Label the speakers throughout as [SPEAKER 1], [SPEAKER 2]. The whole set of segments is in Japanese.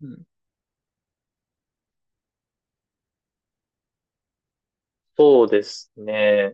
[SPEAKER 1] うん、そうですね。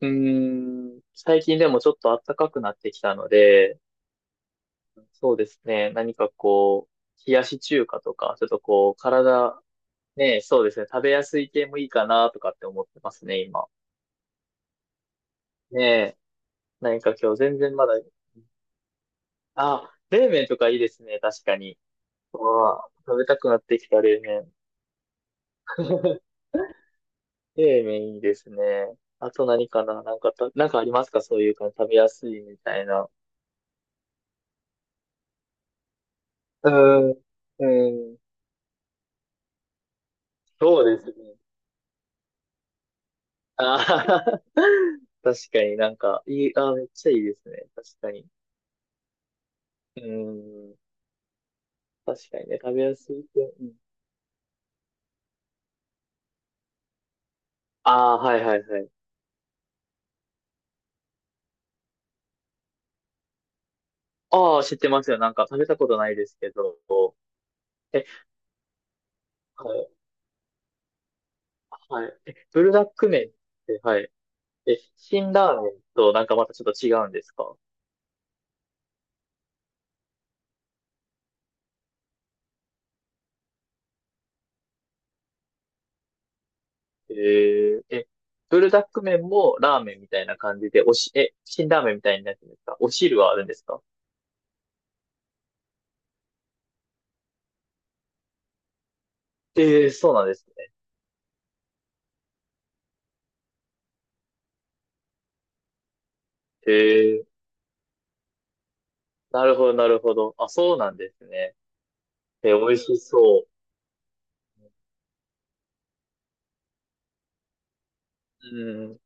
[SPEAKER 1] うー最近でもちょっと暖かくなってきたので、そうですね。何かこう、冷やし中華とか、ちょっとこう、体、ね、そうですね。食べやすい系もいいかなとかって思ってますね、今。ねえ、何か今日全然まだ、あ、冷麺とかいいですね、確かに。うわあ、食べたくなってきた、冷麺。冷麺いいですね。あと何かな、なんかた、なんかありますか、そういう感じ、食べやすいみたいな。うん、うん、そうですね。あはは、確かになんか、いい、あー、めっちゃいいですね。確かに。うん、確かにね、食べやすい系。うん、ああ、はいはいはい。ああ、知ってますよ。なんか食べたことないですけど。え、はい、はい。え、ブルダック麺って、はい。え、辛ラーメンとなんかまたちょっと違うんですか？えー、え、ブルダック麺もラーメンみたいな感じで、おし、え、辛ラーメンみたいになってるんですか？お汁はあるんですか？ええー、そうなんです。へえ、なるほど、なるほど。あ、そうなんですね。え、美味しそう。うん。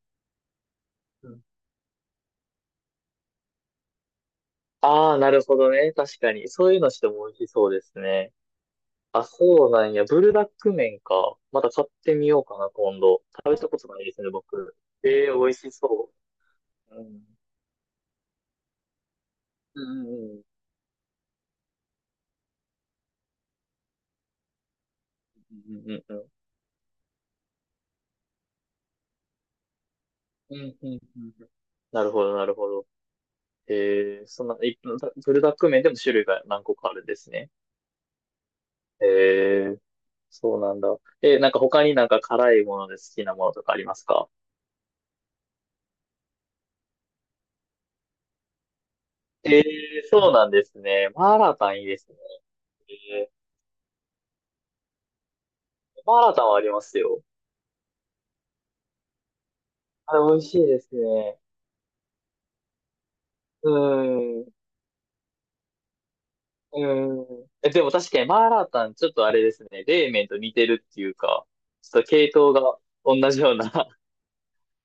[SPEAKER 1] ああ、なるほどね。確かに。そういうのしても美味しそうですね。あ、そうなんや。ブルダック麺か。また買ってみようかな、今度。食べたことないですね、僕。ええ、美味しそう。うん。うんうんうんうんうんうんうんうんうんうん。なるほど、なるほど。ええ、そんな、い、ブルダック麺でも種類が何個かあるんですね。ええ。そうなんだ。え、なんか他になんか辛いもので好きなものとかありますか？えー、そうなんですね。マーラータンいいですね。えー、マーラータンはありますよ。あれ、美味しいですね。うーん。うーん。え、でも確かにマーラータン、ちょっとあれですね。冷麺と似てるっていうか、ちょっと系統が同じような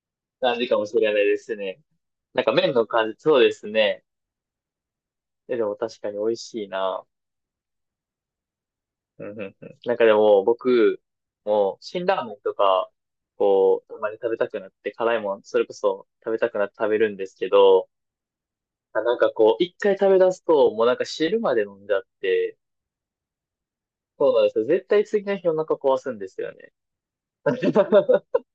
[SPEAKER 1] 感じかもしれないですね。なんか麺の感じ、そうですね。え、でも確かに美味しいな。うんうんうん。なんかでも、僕、もう、辛ラーメンとか、こう、たまに食べたくなって、辛いもん、それこそ食べたくなって食べるんですけど、あ、なんかこう、一回食べ出すと、もうなんか汁まで飲んじゃって、そうなんですよ。絶対次の日お腹壊すんですよね。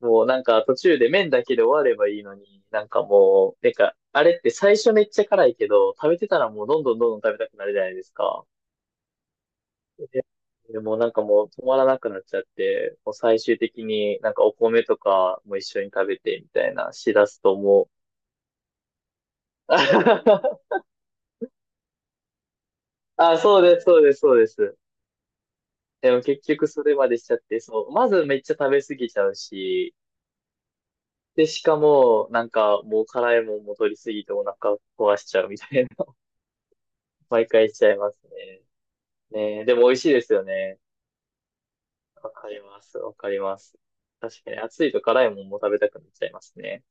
[SPEAKER 1] もうなんか途中で麺だけで終わればいいのに、なんかもう、なんか、あれって最初めっちゃ辛いけど、食べてたらもうどんどんどんどん食べたくなるじゃないですか。で、でもうなんかもう止まらなくなっちゃって、もう最終的になんかお米とかも一緒に食べてみたいなしだすともう。あ、そうです、そうです、そうです。でも結局それまでしちゃって、そう、まずめっちゃ食べ過ぎちゃうし、で、しかも、なんかもう辛いもんも取り過ぎてお腹壊しちゃうみたいな、毎回しちゃいますね。ねえ、でも美味しいですよね。わかります、わかります。確かに暑いと辛いもんも食べたくなっちゃいますね。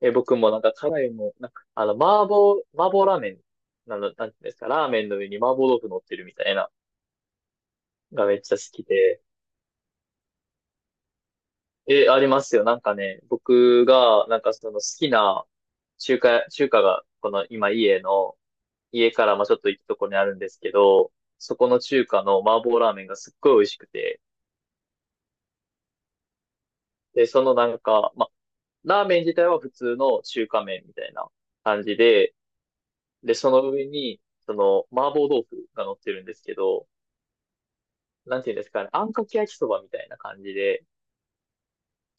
[SPEAKER 1] え、僕もなんか辛いもなんか、あの、麻婆、麻婆ラーメン、なの、なんていうんですか、ラーメンの上に麻婆豆腐乗ってるみたいな、がめっちゃ好きで。え、ありますよ。なんかね、僕が、なんかその好きな中華が、この今家の、家からまあちょっと行くところにあるんですけど、そこの中華の麻婆ラーメンがすっごい美味しくて、で、そのなんか、まあ、ラーメン自体は普通の中華麺みたいな感じで、で、その上に、その麻婆豆腐が乗ってるんですけど、なんていうんですかね、あんかけ焼きそばみたいな感じで、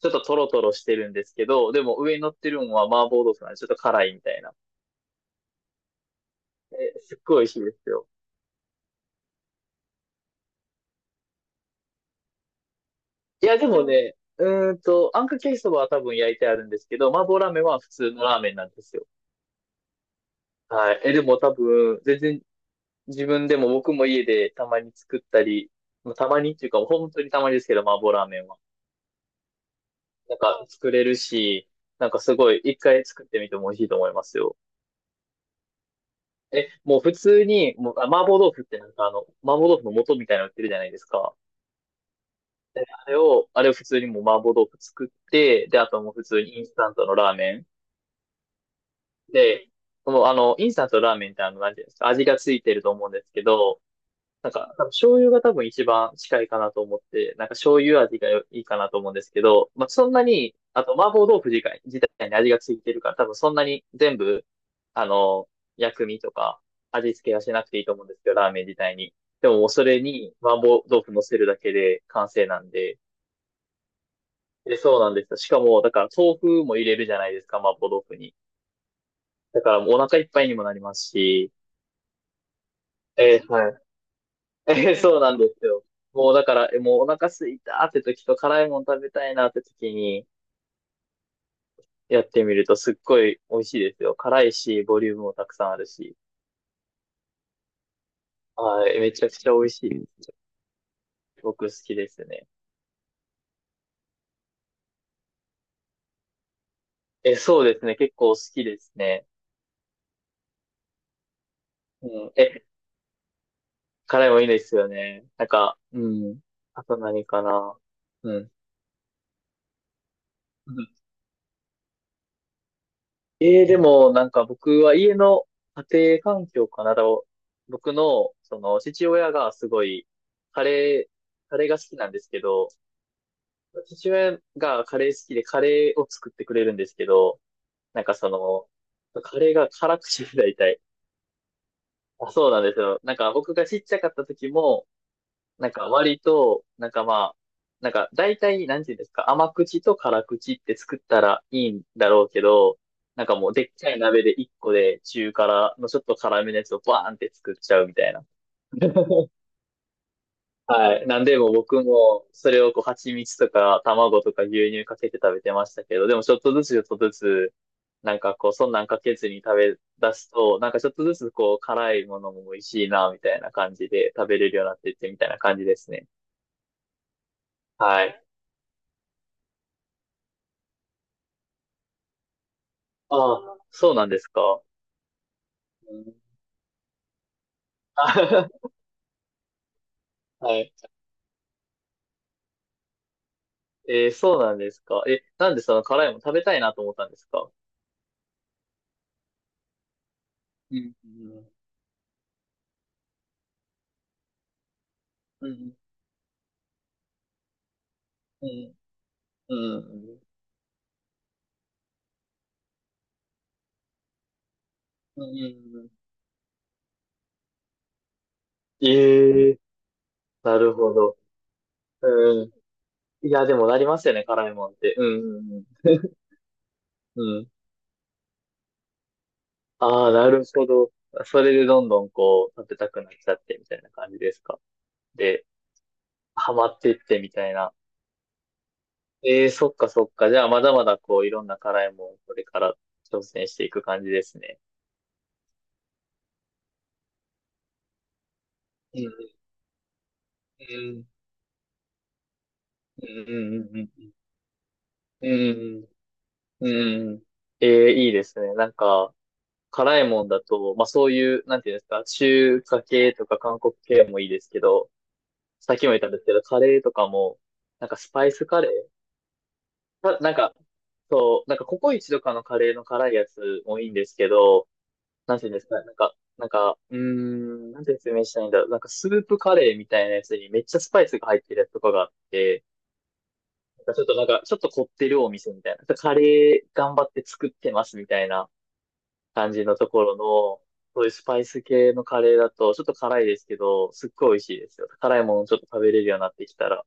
[SPEAKER 1] ちょっとトロトロしてるんですけど、でも上に乗ってるのは麻婆豆腐なんでちょっと辛いみたいな。え、すっごい美味しいですよ。いや、でもね、あんかけ焼きそばは多分焼いてあるんですけど、麻婆ラーメンは普通のラーメンなんですよ。はい。え、でも多分、全然自分でも僕も家でたまに作ったり、まあたまにっていうか、本当にたまにですけど、麻婆ラーメンは。なんか作れるし、なんかすごい一回作ってみても美味しいと思いますよ。え、もう普通に、もう、あ、麻婆豆腐ってなんかあの、麻婆豆腐の素みたいなの売ってるじゃないですか。で、あれを、あれを普通にもう麻婆豆腐作って、で、あともう普通にインスタントのラーメン。で、もうあの、インスタントのラーメンってあの、なんていうんですか、味がついてると思うんですけど、なんか、多分醤油が多分一番近いかなと思って、なんか醤油味がいいかなと思うんですけど、まあ、そんなに、あと麻婆豆腐自体に味がついてるから、多分そんなに全部、あの、薬味とか味付けはしなくていいと思うんですけど、ラーメン自体に。でももうそれに麻婆豆腐乗せるだけで完成なんで、で、そうなんですよ。しかも、だから豆腐も入れるじゃないですか、麻婆豆腐に。だからもうお腹いっぱいにもなりますし、えー、はい、えー そうなんですよ。もうだから、え、もうお腹すいたって時と辛いもの食べたいなって時にやってみるとすっごい美味しいですよ。辛いし、ボリュームもたくさんあるし。はい、めちゃくちゃ美味しいです。僕好きですね。え、そうですね。結構好きですね。うん。え、辛いもいいですよね。なんか、うん。あと何かな。うん。ええ、でも、なんか僕は家の家庭環境かな。だろう僕の、その、父親がすごい、カレー、カレーが好きなんですけど、父親がカレー好きでカレーを作ってくれるんですけど、なんかその、カレーが辛口で大体。あ、そうなんですよ。なんか僕がちっちゃかった時も、なんか割と、なんかまあ、なんか大体、なんていうんですか、甘口と辛口って作ったらいいんだろうけど、なんかもうでっかい鍋で一個で中辛のちょっと辛めのやつをバーンって作っちゃうみたいな。はい。なんでも僕もそれをこう蜂蜜とか卵とか牛乳かけて食べてましたけど、でもちょっとずつちょっとずつ、なんかこうそんなんかけずに食べ出すと、なんかちょっとずつこう辛いものも美味しいなみたいな感じで食べれるようになってってみたいな感じですね。はい。ああ、そうなんですか。うん、あ、 はい。えー、そうなんですか。え、なんでその辛いもの食べたいなと思ったんですか？うん、うん、うん、うん、うん、うん。うん、ええ、なるほど。うん。いや、でもなりますよね、辛いもんって。うん、うん、うん。うん、ああ、なるほど。それでどんどんこう、食べたくなっちゃってみたいな感じですか。で、ハマってってみたいな。ええ、そっかそっか。じゃあ、まだまだこう、いろんな辛いもん、これから挑戦していく感じですね。うんうんうんうんうんうんうんうんうんうん。ええ、いいですね。なんか、辛いもんだと、まあそういう、なんていうんですか、中華系とか韓国系もいいですけど、さっきも言ったんですけど、カレーとかも、なんかスパイスカレーかなんか、そう、なんかココイチとかのカレーの辛いやつもいいんですけど、なんていうんですかね、なんか、なんか、なんて説明したらいいんだろう。なんかスープカレーみたいなやつにめっちゃスパイスが入ってるやつとかがあって、なんかちょっとなんか、ちょっと凝ってるお店みたいな。カレー頑張って作ってますみたいな感じのところの、そういうスパイス系のカレーだと、ちょっと辛いですけど、すっごい美味しいですよ。辛いものちょっと食べれるようになってきたら。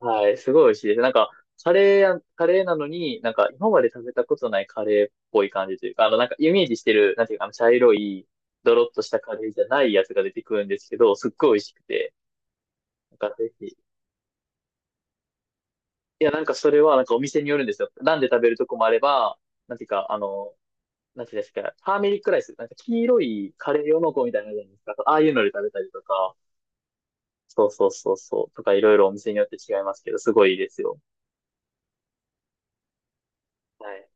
[SPEAKER 1] はい、すごい美味しいです。なんか、カレーや、カレーなのに、なんか、今まで食べたことないカレーっぽい感じというか、あの、なんか、イメージしてる、なんていうか、あの、茶色い、ドロッとしたカレーじゃないやつが出てくるんですけど、すっごい美味しくて、なんか、ぜひ。いや、なんか、それは、なんか、お店によるんですよ。なんで食べるとこもあれば、なんていうか、あの、なんていうんですか、ターメリックライス、なんか、黄色いカレー用の子みたいなのじゃないですか。ああいうので食べたりとか、そうそうそうそう、とか、いろいろお店によって違いますけど、すごいいいですよ。はい。